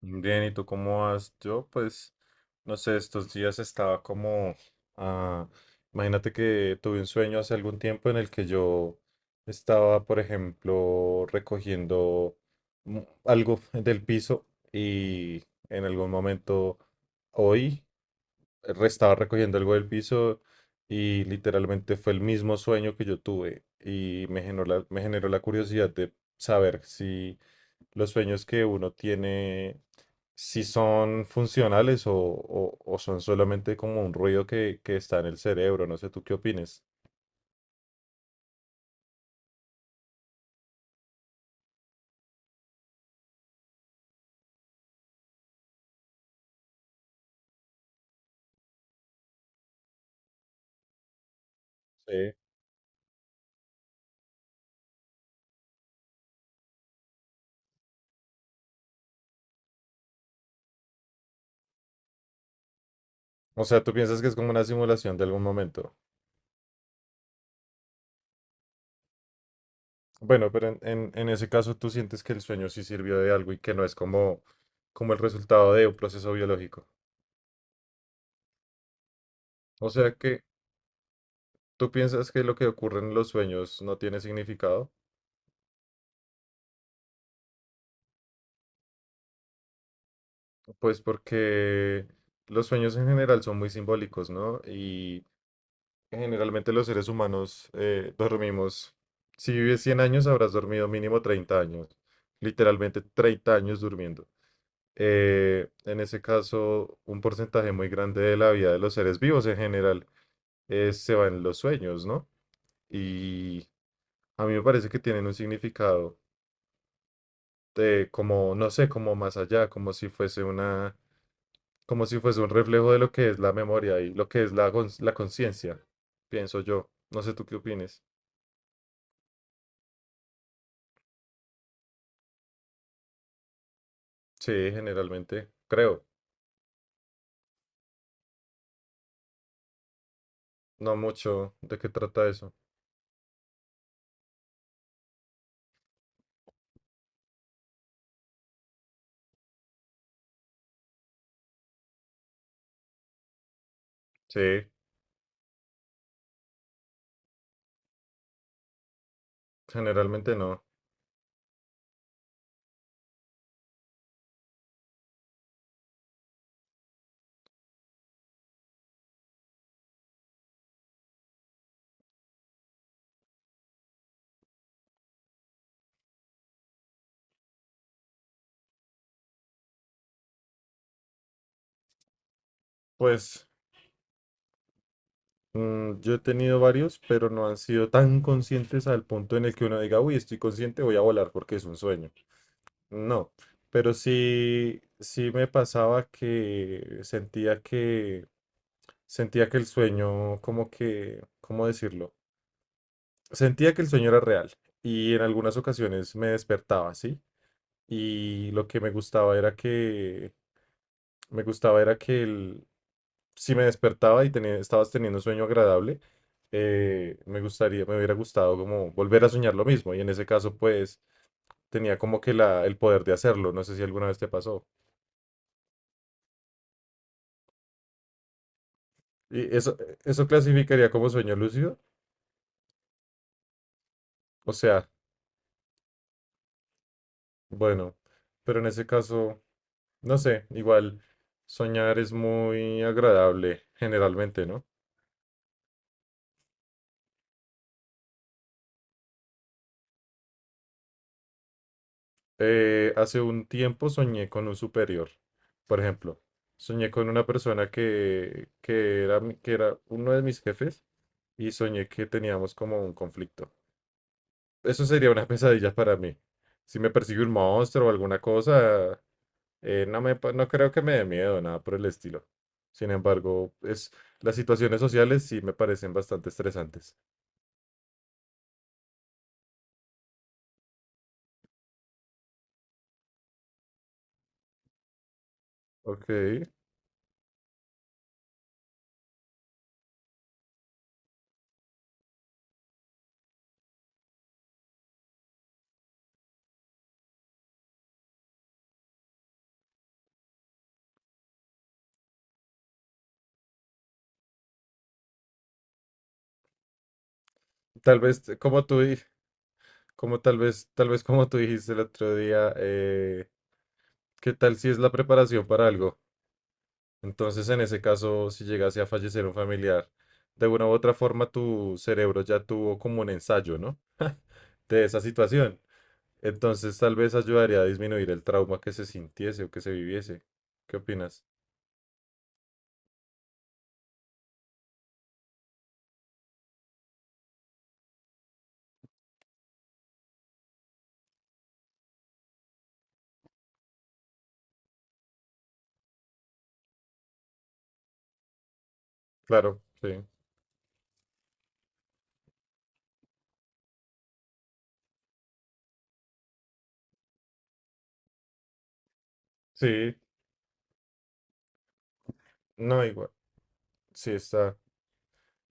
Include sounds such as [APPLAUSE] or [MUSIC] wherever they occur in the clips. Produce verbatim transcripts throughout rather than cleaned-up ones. Bien, ¿y tú cómo vas? Yo, pues, no sé, estos días estaba como, ah, imagínate que tuve un sueño hace algún tiempo en el que yo estaba, por ejemplo, recogiendo mm, algo del piso y en algún momento hoy re- estaba recogiendo algo del piso y literalmente fue el mismo sueño que yo tuve y me generó la, me generó la curiosidad de saber si los sueños que uno tiene, si son funcionales o, o- o son solamente como un ruido que, que está en el cerebro. No sé, ¿tú qué opines? Sí. O sea, ¿tú piensas que es como una simulación de algún momento? Bueno, pero en, en- en ese caso tú sientes que el sueño sí sirvió de algo y que no es como, como el resultado de un proceso biológico. O sea que tú piensas que lo que ocurre en los sueños no tiene significado, pues porque los sueños en general son muy simbólicos, ¿no? Y generalmente los seres humanos eh, dormimos. Si vives cien años, habrás dormido mínimo treinta años. Literalmente treinta años durmiendo. Eh, en ese caso, un porcentaje muy grande de la vida de los seres vivos en general eh, se va en los sueños, ¿no? Y a mí me parece que tienen un significado de como, no sé, como más allá, como si fuese una, como si fuese un reflejo de lo que es la memoria y lo que es la, cons- la conciencia, pienso yo. No sé tú qué opines. Sí, generalmente, creo, no mucho de qué trata eso. Sí, generalmente no. Pues mm, yo he tenido varios, pero no han sido tan conscientes al punto en el que uno diga, uy, estoy consciente, voy a volar porque es un sueño. No, pero sí, sí me pasaba que sentía que, sentía que el sueño, como que, ¿cómo decirlo? Sentía que el sueño era real y en algunas ocasiones me despertaba, ¿sí? Y lo que me gustaba era que me gustaba era que el- si me despertaba y tenía, estabas teniendo un sueño agradable, eh, me gustaría, me hubiera gustado como volver a soñar lo mismo. Y en ese caso, pues, tenía como que la, el poder de hacerlo. No sé si alguna vez te pasó. Y eso, eso clasificaría como sueño lúcido. O sea, bueno, pero en ese caso, no sé, igual soñar es muy agradable generalmente, ¿no? Eh, hace un tiempo soñé con un superior. Por ejemplo, soñé con una persona que, que era, mi- que era uno de mis jefes y soñé que teníamos como un conflicto. Eso sería una [LAUGHS] pesadilla para mí. Si me persigue un monstruo o alguna cosa, eh, no me, pa- no creo que me dé miedo, nada por el estilo. Sin embargo, es, las situaciones sociales sí me parecen bastante estresantes. Ok. Tal vez, como tú, di- como tal vez, tal vez como tú dijiste el otro día, eh, ¿qué tal si es la preparación para algo? Entonces, en ese caso, si llegase a fallecer un familiar, de una u otra forma tu cerebro ya tuvo como un ensayo, ¿no? De esa situación. Entonces, tal vez ayudaría a disminuir el trauma que se sintiese o que se viviese. ¿Qué opinas? Claro, sí. Sí, no, igual. Sí, está.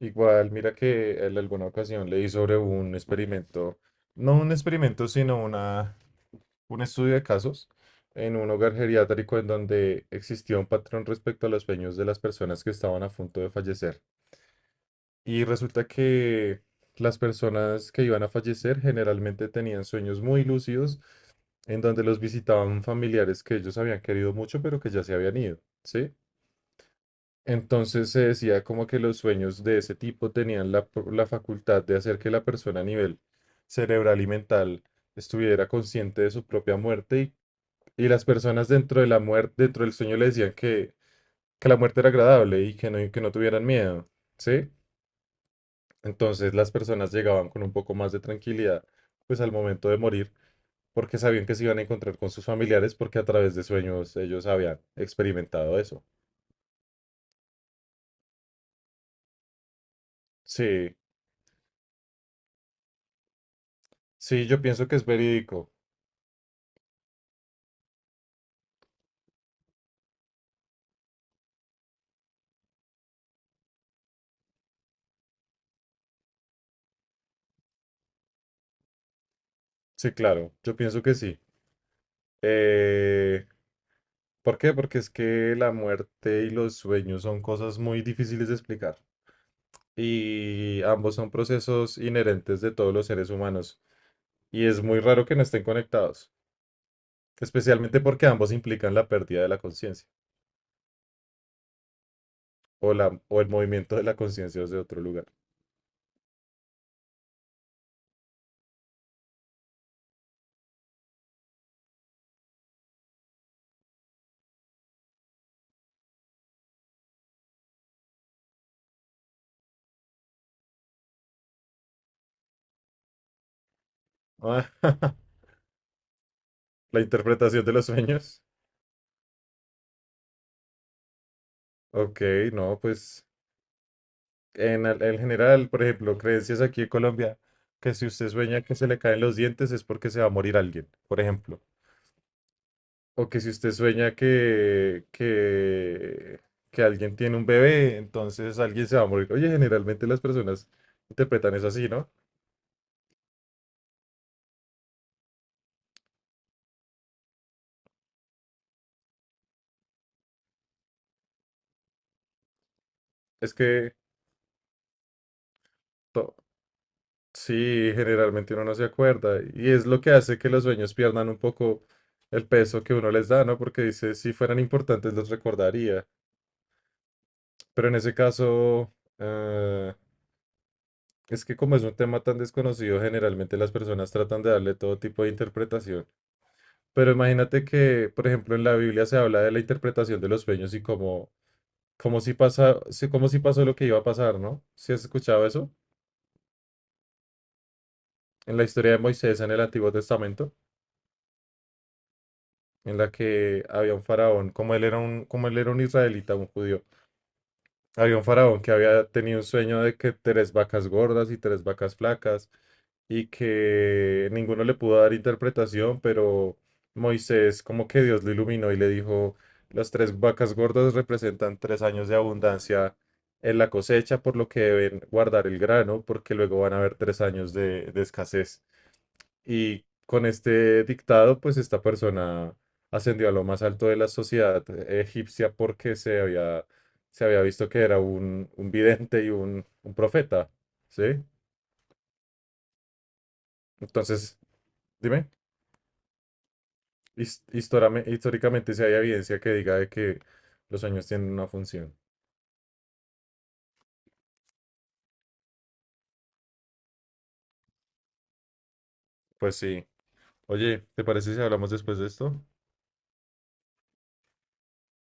Igual, mira que en alguna ocasión leí sobre un experimento, no un experimento, sino una un estudio de casos en un hogar geriátrico en donde existía un patrón respecto a los sueños de las personas que estaban a punto de fallecer. Y resulta que las personas que iban a fallecer generalmente tenían sueños muy lúcidos en donde los visitaban familiares que ellos habían querido mucho pero que ya se habían ido, ¿sí? Entonces se decía como que los sueños de ese tipo tenían la, pro- la facultad de hacer que la persona a nivel cerebral y mental estuviera consciente de su propia muerte y las personas dentro de la muerte, dentro del sueño le decían que, que la muerte era agradable y que no, y que no tuvieran miedo, ¿sí? Entonces las personas llegaban con un poco más de tranquilidad, pues al momento de morir, porque sabían que se iban a encontrar con sus familiares, porque a través de sueños ellos habían experimentado eso. Sí, sí, yo pienso que es verídico. Sí, claro, yo pienso que sí. Eh, ¿Por qué? Porque es que la muerte y los sueños son cosas muy difíciles de explicar. Y ambos son procesos inherentes de todos los seres humanos y es muy raro que no estén conectados, especialmente porque ambos implican la pérdida de la conciencia o, la- o el movimiento de la conciencia desde otro lugar. [LAUGHS] La interpretación de los sueños. Ok, no, pues en, al- en general, por ejemplo, creencias aquí en Colombia, que si usted sueña que se le caen los dientes es porque se va a morir alguien, por ejemplo. O que si usted sueña que, que, que alguien tiene un bebé, entonces alguien se va a morir. Oye, generalmente las personas interpretan eso así, ¿no? Es que to- sí, generalmente uno no se acuerda. Y es lo que hace que los sueños pierdan un poco el peso que uno les da, ¿no? Porque dice, si fueran importantes los recordaría. Pero en ese caso, eh, es que como es un tema tan desconocido, generalmente las personas tratan de darle todo tipo de interpretación. Pero imagínate que, por ejemplo, en la Biblia se habla de la interpretación de los sueños y como, como si pasa, si- como si pasó lo que iba a pasar, ¿no? ¿Si has escuchado eso? En la historia de Moisés en el Antiguo Testamento, en la que había un faraón, como él era un, como él era un israelita, un judío, había un faraón que había tenido un sueño de que tres vacas gordas y tres vacas flacas y que ninguno le pudo dar interpretación, pero Moisés como que Dios lo iluminó y le dijo, las tres vacas gordas representan tres años de abundancia en la cosecha, por lo que deben guardar el grano, porque luego van a haber tres años de, de escasez. Y con este dictado, pues esta persona ascendió a lo más alto de la sociedad eh, egipcia porque se había, se había visto que era un, un vidente y un, un profeta, ¿sí? Entonces, dime, his- histórame- históricamente si hay evidencia que diga de que los sueños tienen una función. Pues sí. Oye, ¿te parece si hablamos después de esto?